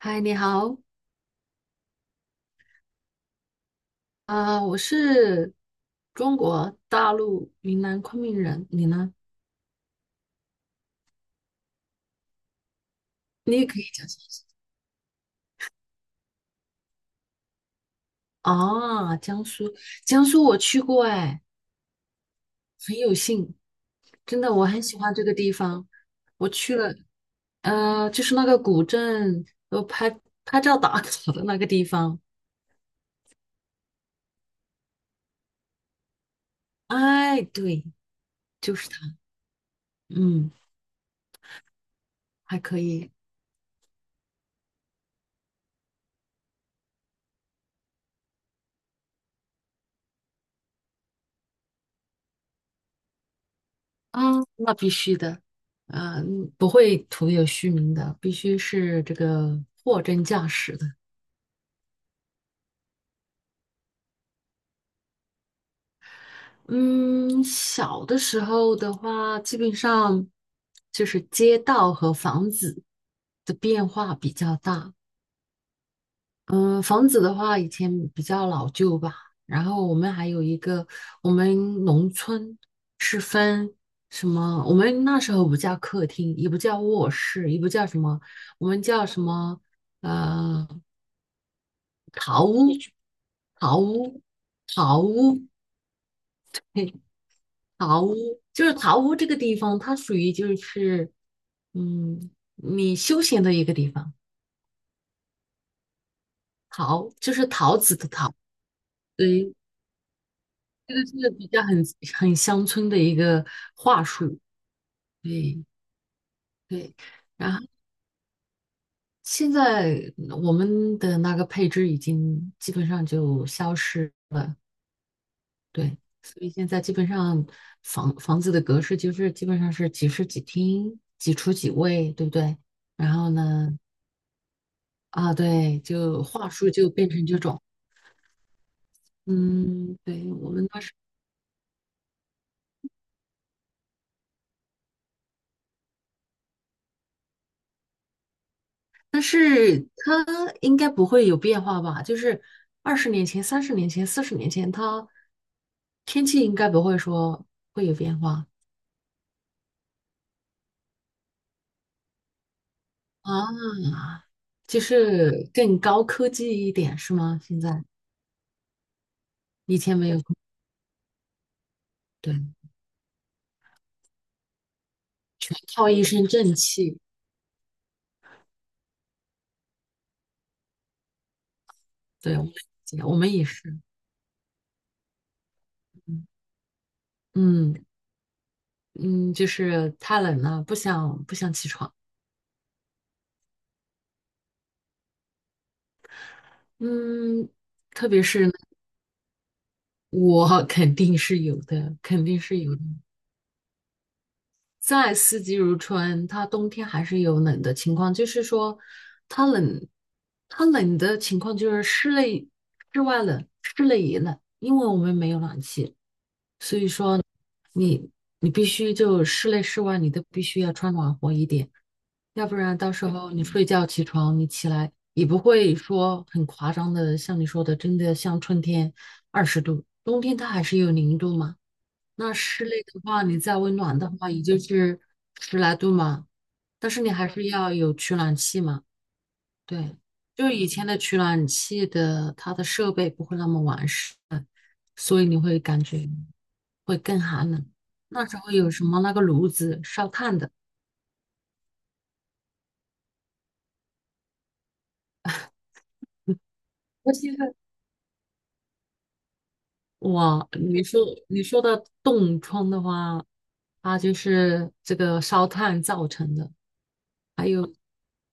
嗨，你好。我是中国大陆云南昆明人，你呢？你也可以讲江苏。啊，江苏，江苏我去过。哎，很有幸，真的，我很喜欢这个地方。我去了，就是那个古镇，我拍拍照打卡的那个地方。哎，对，就是它。嗯，还可以。啊，那必须的。嗯，不会徒有虚名的，必须是这个货真价实的。嗯，小的时候的话，基本上就是街道和房子的变化比较大。嗯，房子的话，以前比较老旧吧。然后我们还有一个，我们农村是分什么？我们那时候不叫客厅，也不叫卧室，也不叫什么，我们叫什么？呃，桃屋，桃屋，桃屋。桃屋就是桃屋这个地方，它属于就是，你休闲的一个地方。桃就是桃子的桃。对，这个是比较很乡村的一个话术。对对。然后现在我们的那个配置已经基本上就消失了。对，所以现在基本上房子的格式就是基本上是几室几厅、几厨几卫，对不对？然后呢，啊，对，就话术就变成这种。嗯，对，我们当时，但是它应该不会有变化吧？就是20年前、30年前、40年前，它天气应该不会说会有变化。啊，就是更高科技一点是吗？现在以前没有，对，全靠一身正气。对，我们也是。嗯嗯嗯，就是太冷了，不想起床。嗯，特别是我 肯定是有的，肯定是有的。在四季如春，它冬天还是有冷的情况。就是说它冷，它冷的情况就是室内、室外冷，室内也冷，因为我们没有暖气，所以说你你必须就室内、室外你都必须要穿暖和一点。要不然到时候你睡觉起床，你起来也不会说很夸张的，像你说的，真的像春天20度，冬天它还是有0度嘛。那室内的话，你再温暖的话，也就是十来度嘛。但是你还是要有取暖器嘛。对，就以前的取暖器的它的设备不会那么完善，所以你会感觉会更寒冷。那时候有什么那个炉子烧炭的，我记得。哇，你说的冻疮的话，它就是这个烧炭造成的。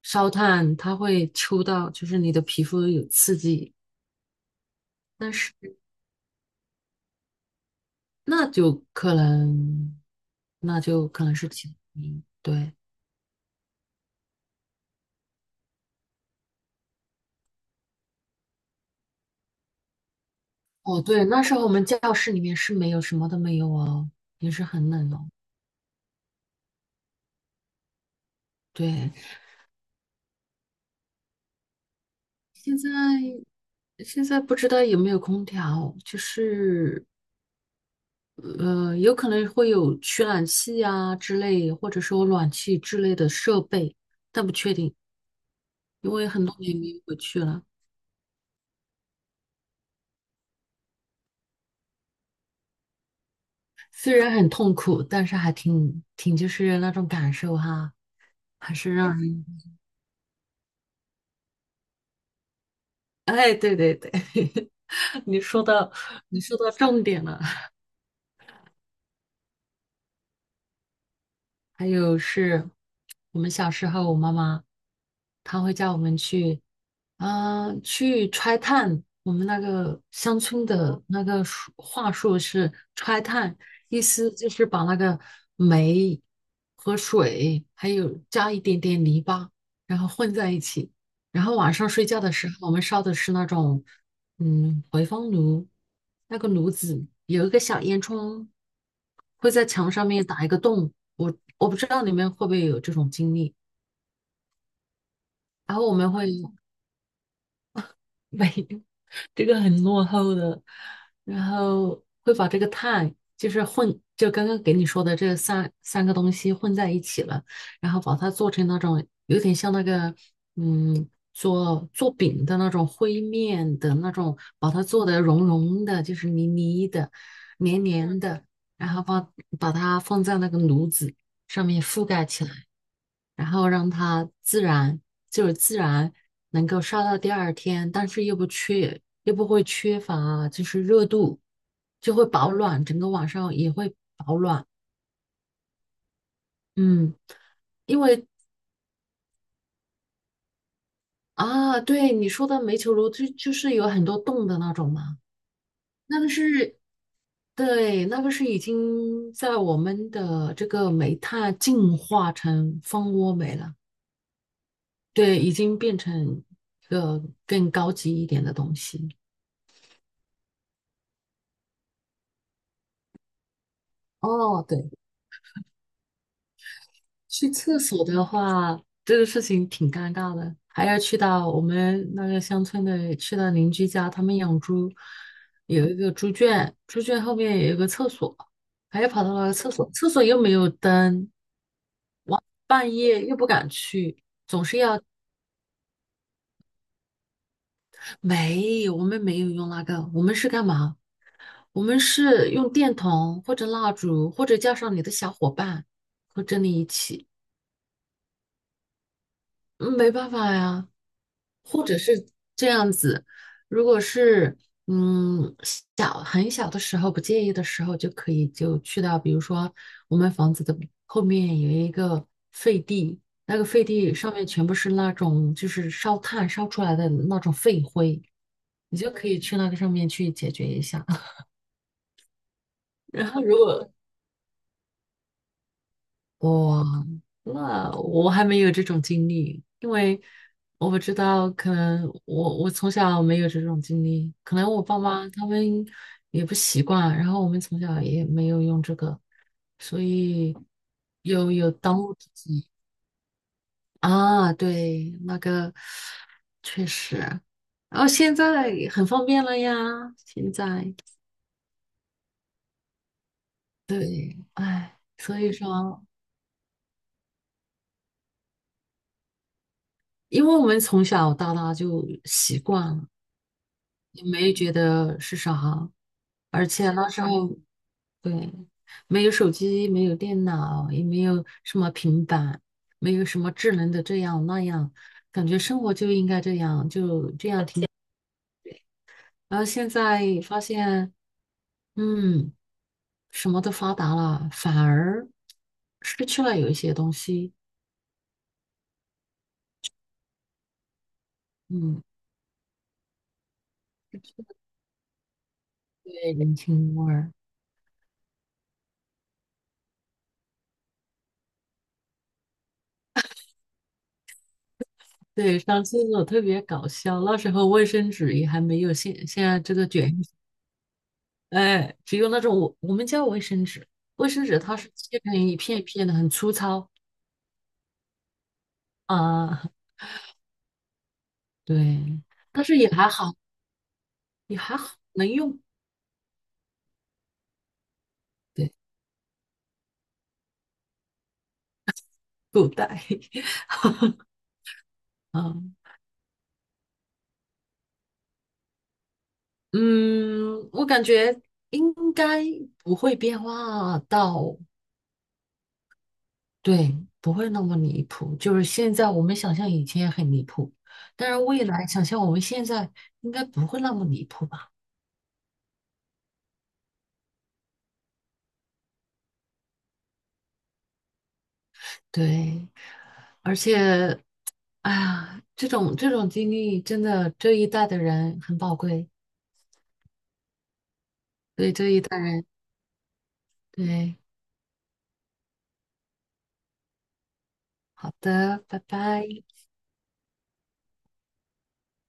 烧炭它会抽到，就是你的皮肤有刺激。但是那就可能，那就可能是其他原因对，哦对，那时候我们教室里面是没有什么都没有哦，也是很冷哦。对，现在现在不知道有没有空调，就是有可能会有取暖器啊之类，或者说暖气之类的设备，但不确定，因为很多年没有回去了。虽然很痛苦，但是还挺就是那种感受哈，还是让人。哎，对对对，你说到你说到重点了。还有是我们小时候，我妈妈她会叫我们去。去拆炭。我们那个乡村的那个话术是拆炭，意思就是把那个煤和水，还有加一点点泥巴，然后混在一起。然后晚上睡觉的时候，我们烧的是那种回风炉。那个炉子有一个小烟囱，会在墙上面打一个洞。我不知道你们会不会有这种经历。然后我们会。没有，这个很落后的，然后会把这个碳就是混，就刚刚给你说的这三个东西混在一起了，然后把它做成那种有点像那个做饼的那种灰面的那种，把它做的融融的，就是泥泥的、黏黏的，然后把它放在那个炉子上面覆盖起来，然后让它自然能够烧到第二天，但是又不会缺乏就是热度，就会保暖，整个晚上也会保暖。嗯，因为啊，对你说的煤球炉就是有很多洞的那种嘛，那个是。对，那个是已经在我们的这个煤炭进化成蜂窝煤了。对，已经变成一个更高级一点的东西。哦，对，去厕所的话，这个事情挺尴尬的，还要去到我们那个乡村的，去到邻居家，他们养猪，有一个猪圈，猪圈后面有一个厕所，还要跑到那个厕所，厕所又没有灯，半夜又不敢去。没有，我们没有用那个，我们是干嘛？我们是用电筒或者蜡烛，或者叫上你的小伙伴，和着你一起。嗯，没办法呀。或者是这样子，如果是嗯很小的时候不介意的时候，就可以就去到，比如说我们房子的后面有一个废地，那个废地上面全部是那种就是烧炭烧出来的那种废灰，你就可以去那个上面去解决一下。然后如果哇，那我还没有这种经历，因为我不知道，可能我从小没有这种经历，可能我爸妈他们也不习惯，然后我们从小也没有用这个，所以有当务之急啊，对，那个确实，然后现在很方便了呀。现在对，哎，所以说，因为我们从小到大就习惯了。也没觉得是啥，而且那时候对，没有手机，没有电脑，也没有什么平板，没有什么智能的这样那样，感觉生活就应该这样，就这样挺 然后现在发现，嗯，什么都发达了，反而失去了有一些东西。嗯，对，人情味儿。对，上厕所特别搞笑，那时候卫生纸也还没有现在这个卷 哎，只有那种我们叫卫生纸，卫生纸它是切成一片一片的，很粗糙。啊，对，但是也还好，也还好能用。对，够带 啊，嗯，我感觉应该不会变化到，对，不会那么离谱。就是现在我们想象以前也很离谱，但是未来想象我们现在应该不会那么离谱吧？对，而且哎呀，这种经历真的这一代的人很宝贵，所以这一代人。对，好的，拜拜。